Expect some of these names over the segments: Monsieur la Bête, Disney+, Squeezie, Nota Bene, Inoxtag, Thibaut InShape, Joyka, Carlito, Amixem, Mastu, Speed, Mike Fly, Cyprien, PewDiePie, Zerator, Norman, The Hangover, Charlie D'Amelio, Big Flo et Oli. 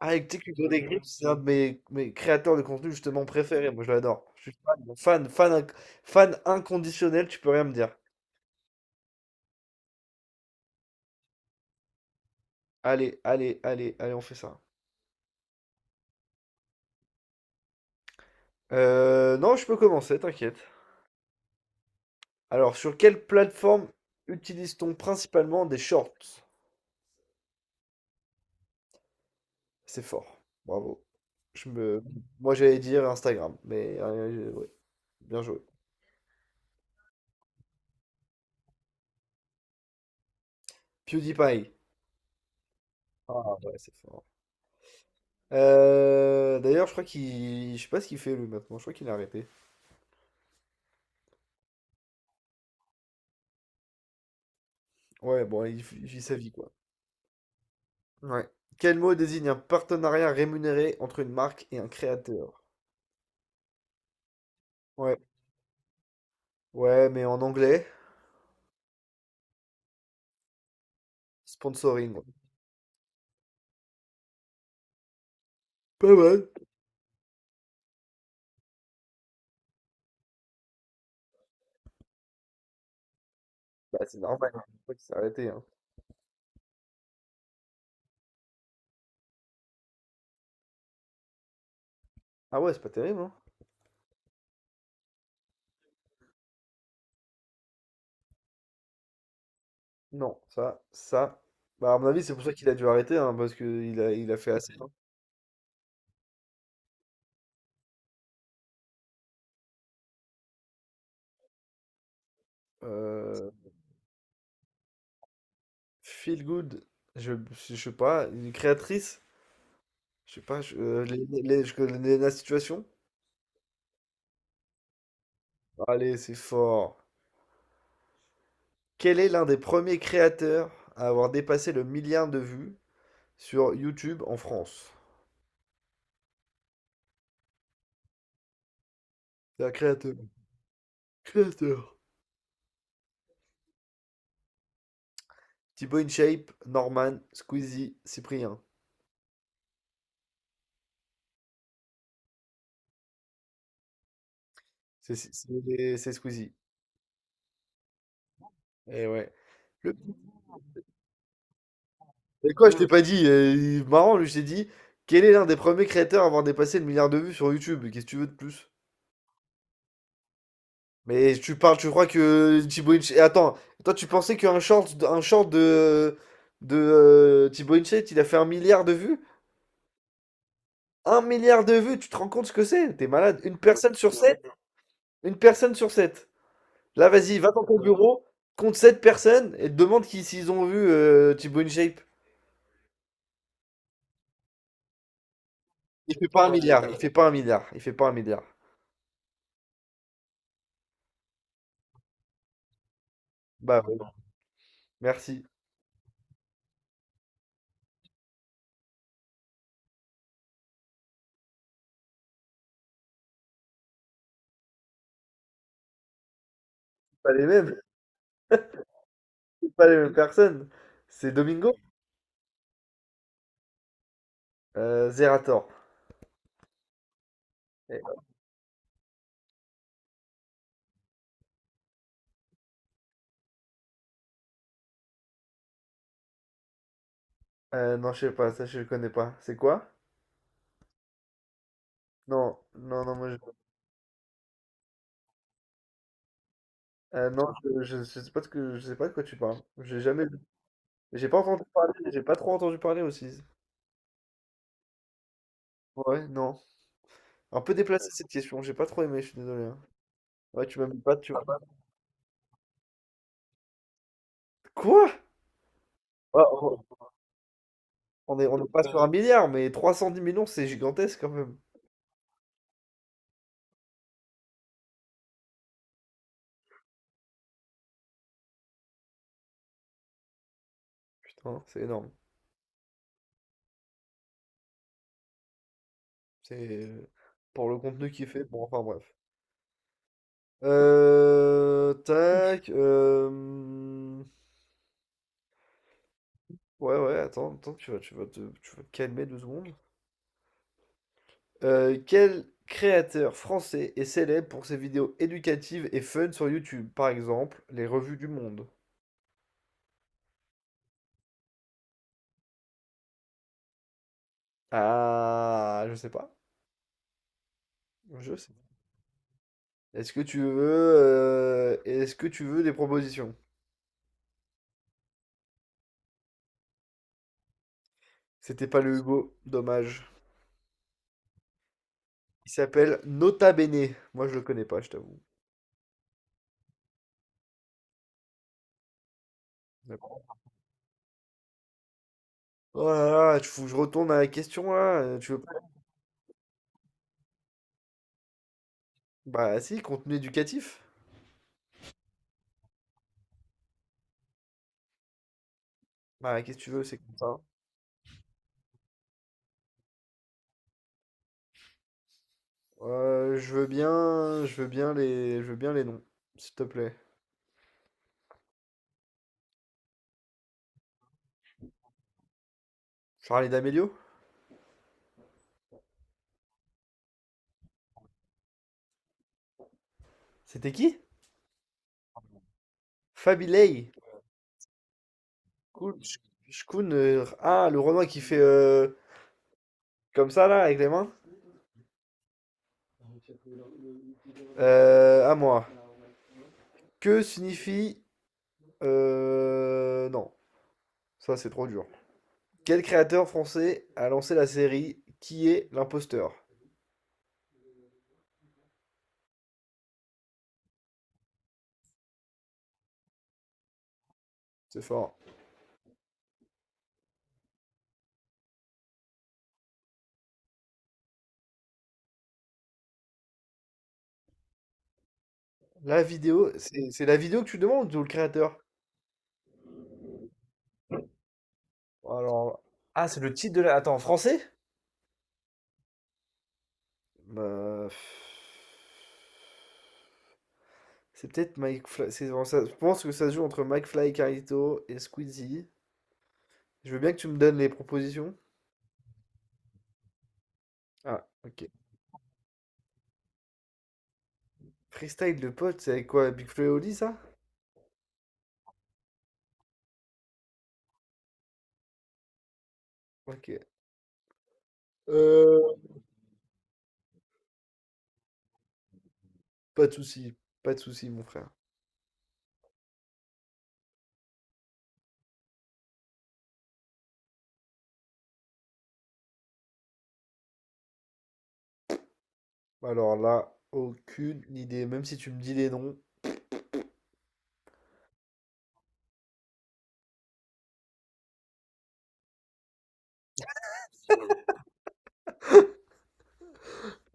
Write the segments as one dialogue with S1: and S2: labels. S1: Ah, et tu sais qu'Hugo Décrypte, c'est un de mes créateurs de contenu justement préférés. Moi, je l'adore. Je suis fan, fan, fan, fan inconditionnel, tu peux rien me dire. Allez, allez, allez, allez, on fait ça. Non, je peux commencer, t'inquiète. Alors, sur quelle plateforme utilise-t-on principalement des shorts? C'est fort. Bravo. Je me... Moi, j'allais dire Instagram, mais ouais, bien joué. PewDiePie. Ah ouais, c'est fort. D'ailleurs, je crois qu'il... Je sais pas ce qu'il fait lui maintenant. Je crois qu'il a arrêté. Ouais, bon, il vit sa vie, quoi. Ouais. Quel mot désigne un partenariat rémunéré entre une marque et un créateur? Ouais. Ouais, mais en anglais, sponsoring. Pas mal. Bah, c'est normal, hein. C'est pour ça qu'il s'est arrêté, hein. Ah ouais, c'est pas terrible, hein? Non, ça, ça. Bah, à mon avis, c'est pour ça qu'il a dû arrêter, hein, parce il a fait assez, hein. Euh, feel good, je, je sais pas, une créatrice, je sais pas, je connais la situation. Allez, c'est fort. Quel est l'un des premiers créateurs à avoir dépassé le milliard de vues sur YouTube en France? C'est un créateur. Créateur. Thibaut InShape, Norman, Squeezie, Cyprien. C'est Squeezie. Et ouais. Le- Mais quoi, je t'ai pas dit. Marrant, lui, je t'ai dit. Quel est l'un des premiers créateurs à avoir dépassé le milliard de vues sur YouTube? Qu'est-ce que tu veux de plus? Mais tu parles, tu crois que Thibaut InShape. Attends, toi, tu pensais qu'un short, un short de Thibaut InShape, il a fait un milliard de vues? Un milliard de vues, tu te rends compte ce que c'est? T'es malade. Une personne sur sept? Une personne sur sept. Là, vas-y, va dans ton bureau, compte sept personnes et te demande qui, s'ils ont vu Thibaut InShape. Il fait pas un milliard, il fait pas un milliard, il fait pas un milliard. Bah ouais, merci. C'est pas les mêmes, c'est pas les mêmes personnes. C'est Domingo? Zerator. Eh, non, je sais pas, ça je le connais pas. C'est quoi? Non, non, non, moi je... Non, je sais pas de ce que je sais pas de quoi tu parles. J'ai jamais vu. J'ai pas entendu parler, j'ai pas trop entendu parler aussi. Ouais, non. Un peu déplacée cette question, j'ai pas trop aimé, je suis désolé, hein. Ouais, tu m'aimes pas, tu vois. Quoi? On est pas sur un milliard, mais 310 millions, c'est gigantesque quand même. Putain, c'est énorme. C'est pour le contenu qu'il fait. Bon, enfin bref. Tac. Ouais, ouais, attends, attends, tu vas te calmer deux secondes. Quel créateur français est célèbre pour ses vidéos éducatives et fun sur YouTube? Par exemple, les revues du monde. Ah, je sais pas. Je sais. Est-ce que tu veux, est-ce que tu veux des propositions? C'était pas le Hugo, dommage. Il s'appelle Nota Bene. Moi, je le connais pas, je t'avoue. D'accord. Oh là là, tu faut que je retourne à la question là. Tu veux pas... Bah si, contenu éducatif. Bah qu'est-ce que tu veux, c'est... je veux bien, je veux bien les noms, s'il te plaît. Charlie D'Amelio? C'était qui? Fabilei. Cool. Shkun, ah, le Renoir qui fait comme ça là, avec les mains. À moi. Que signifie non, Ça c'est trop dur. Quel créateur français a lancé la série Qui est l'imposteur? C'est fort. La vidéo, c'est la vidéo que tu demandes ou le créateur? Alors, ah, c'est le titre de la. Attends, en français? Bah, pff, c'est peut-être Mike Fly. Je pense que ça se joue entre Mike Fly, Carlito et Squeezie. Je veux bien que tu me donnes les propositions. Ah, ok. Freestyle de pote, c'est avec quoi? Big Flo et Oli, ça? Ok. Euh, Pas de souci, pas de souci, mon frère. Alors là, aucune idée. Même si tu me dis les noms,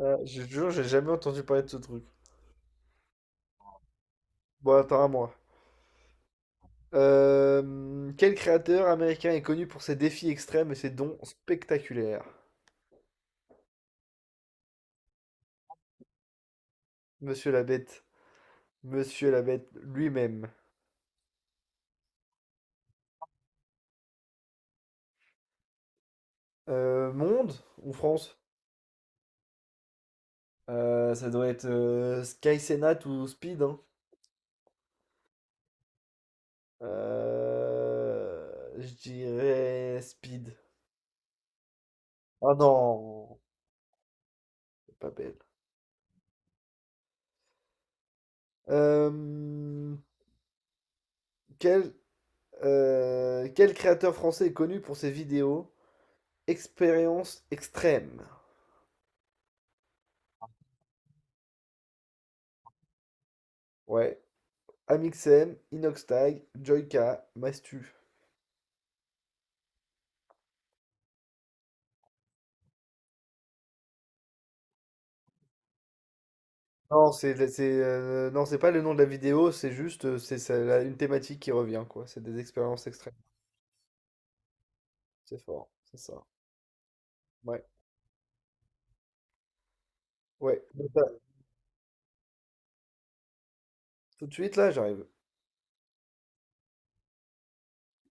S1: je te jure, j'ai jamais entendu parler de ce truc. Bon, attends à moi. Quel créateur américain est connu pour ses défis extrêmes et ses dons spectaculaires? Monsieur la Bête. Monsieur la Bête lui-même. Monde ou France? Ça doit être Sky Senat ou Speed, hein. Je dirais Speed. Ah non, c'est pas belle. Euh, quel Quel créateur français est connu pour ses vidéos. Expérience extrême. Ouais. Amixem, Inoxtag, Joyka, Mastu. Non, c'est pas le nom de la vidéo, c'est juste une thématique qui revient quoi. C'est des expériences extrêmes. C'est fort, c'est ça. Ouais. Ouais. Donc, là, tout de suite là, j'arrive.